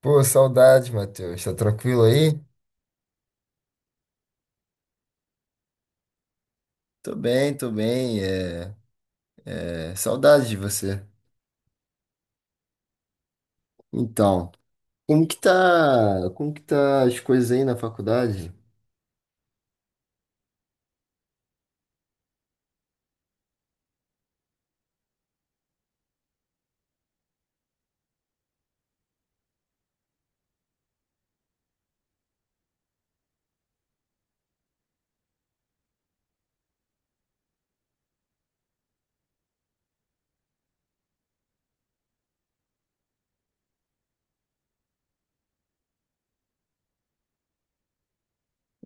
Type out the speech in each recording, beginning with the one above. Pô, saudade, Matheus. Tá tranquilo aí? Tô bem, tô bem. Saudade de você. Então, como que tá as coisas aí na faculdade?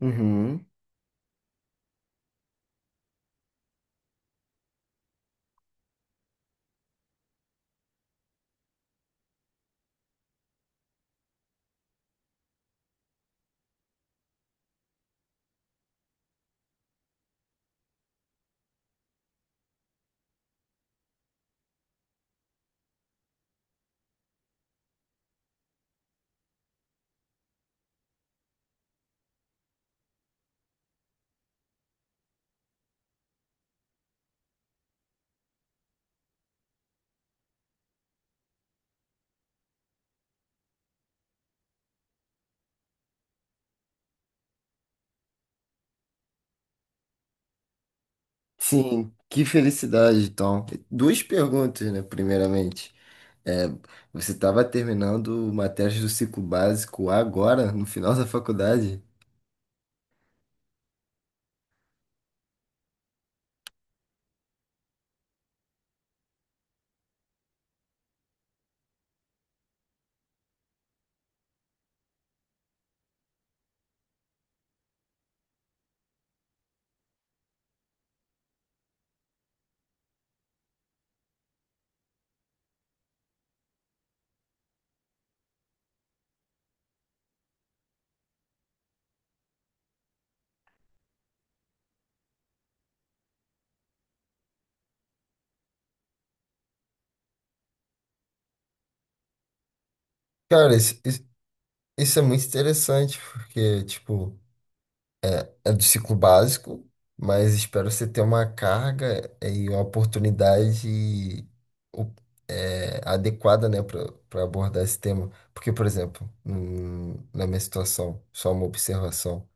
Uhum. Sim, que felicidade, então. Duas perguntas, né? Primeiramente, é, você estava terminando matérias do ciclo básico agora, no final da faculdade? Cara, isso, isso é muito interessante, porque, tipo, é do ciclo básico, mas espero você ter uma carga e uma oportunidade o- adequada, né, para abordar esse tema. Porque, por exemplo, na minha situação, só uma observação,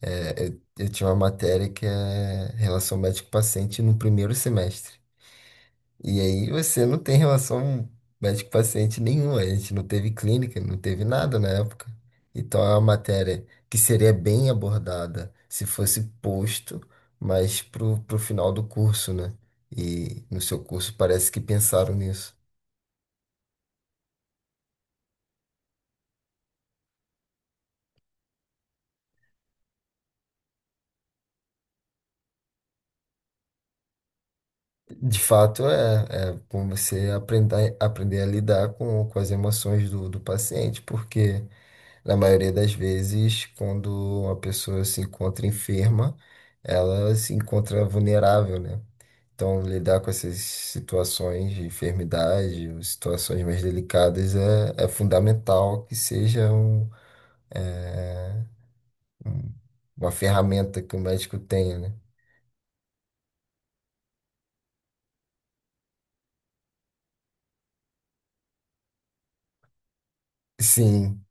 eu tinha uma matéria que é relação médico-paciente no primeiro semestre. E aí você não tem relação médico-paciente nenhuma. A gente não teve clínica, não teve nada na época. Então é uma matéria que seria bem abordada se fosse posto, mas pro final do curso, né? E no seu curso parece que pensaram nisso. De fato, é como você aprender, aprender a lidar com as emoções do, do paciente, porque na maioria das vezes, quando uma pessoa se encontra enferma, ela se encontra vulnerável, né? Então, lidar com essas situações de enfermidade, ou situações mais delicadas, é fundamental que seja né, um- uma ferramenta que o médico tenha, né? Sim,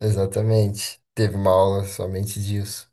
exatamente. Teve uma aula somente disso.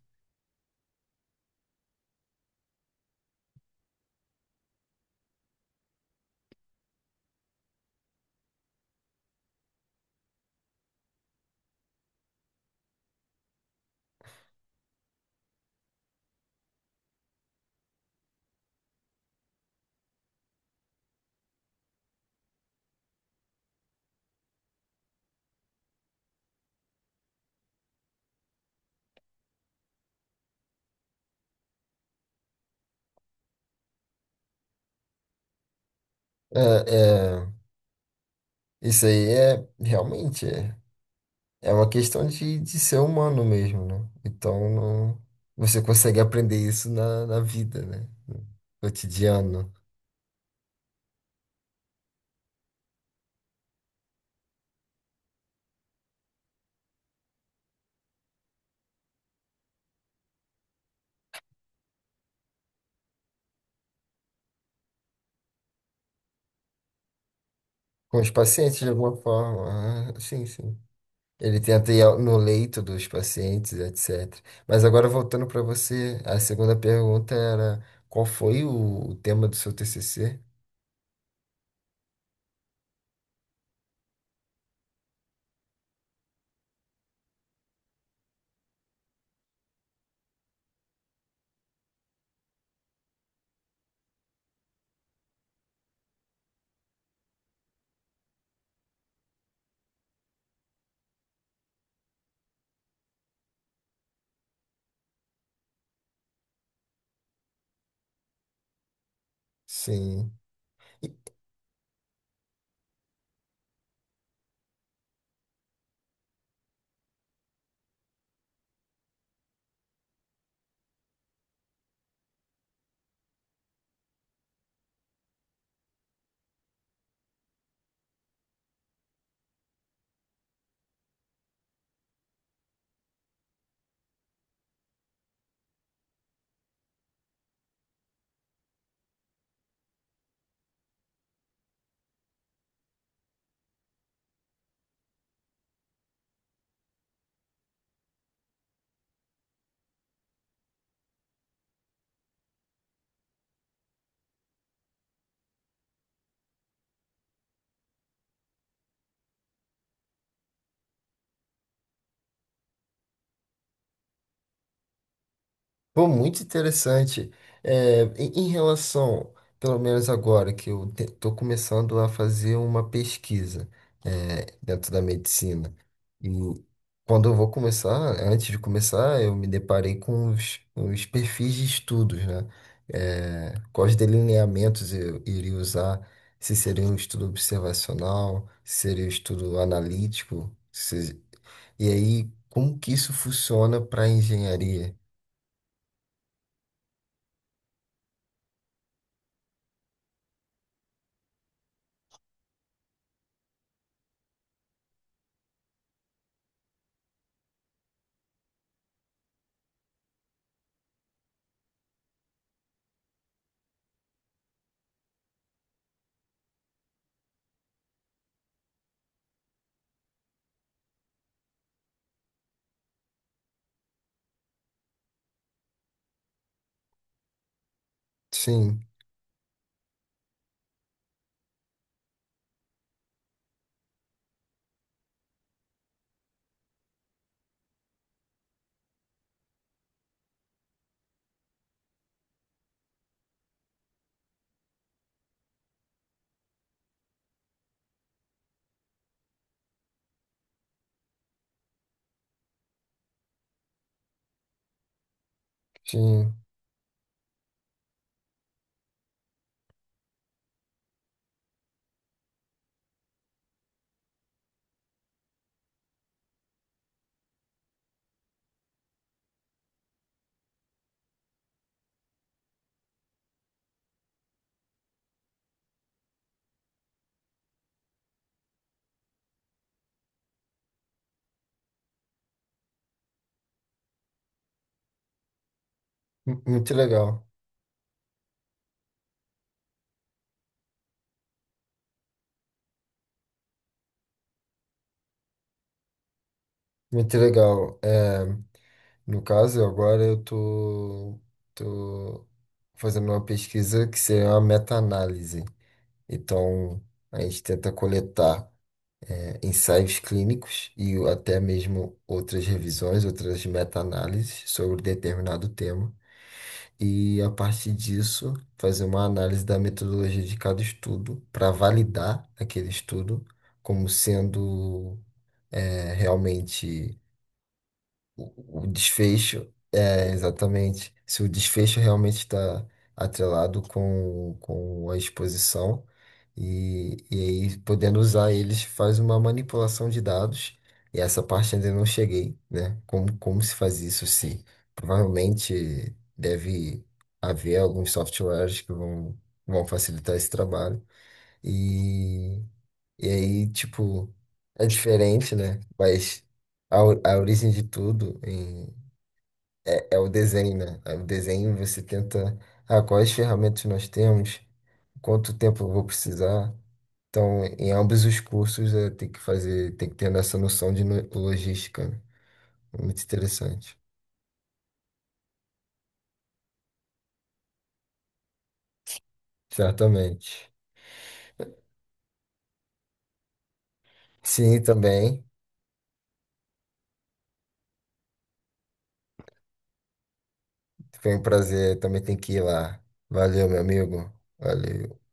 É, é, isso aí é realmente é uma questão de ser humano mesmo, né? Então, você consegue aprender isso na, na vida, né? No cotidiano. Com os pacientes, de alguma forma. Ah, sim, sim. Ele tenta ir no leito dos pacientes, etc. Mas agora, voltando para você, a segunda pergunta era: qual foi o tema do seu TCC? Sim. Pô, muito interessante. Em relação, pelo menos agora, que eu estou começando a fazer uma pesquisa, dentro da medicina. E quando eu vou começar, antes de começar, eu me deparei com os perfis de estudos, né? É, quais delineamentos eu iria usar, se seria um estudo observacional, se seria um estudo analítico, e aí como que isso funciona para a engenharia? Sim. Sim, muito legal, muito legal. No caso, agora eu tô fazendo uma pesquisa que seria uma meta-análise. Então, a gente tenta coletar, ensaios clínicos e até mesmo outras revisões, outras meta-análises sobre determinado tema. E, a partir disso, fazer uma análise da metodologia de cada estudo para validar aquele estudo como sendo realmente o desfecho, é exatamente, se o desfecho realmente está atrelado com a exposição, e aí podendo usar eles faz uma manipulação de dados, e essa parte ainda não cheguei, né? Como, como se faz isso, se provavelmente deve haver alguns softwares que vão, vão facilitar esse trabalho. E aí, tipo, é diferente, né? Mas a origem de tudo é o desenho, né? É o desenho você tenta, ah, quais ferramentas nós temos, quanto tempo eu vou precisar. Então, em ambos os cursos, é, tem que fazer, tem que ter essa noção de logística, né? É muito interessante. Certamente. Sim, também. Foi um prazer. Também tem que ir lá. Valeu, meu amigo. Valeu.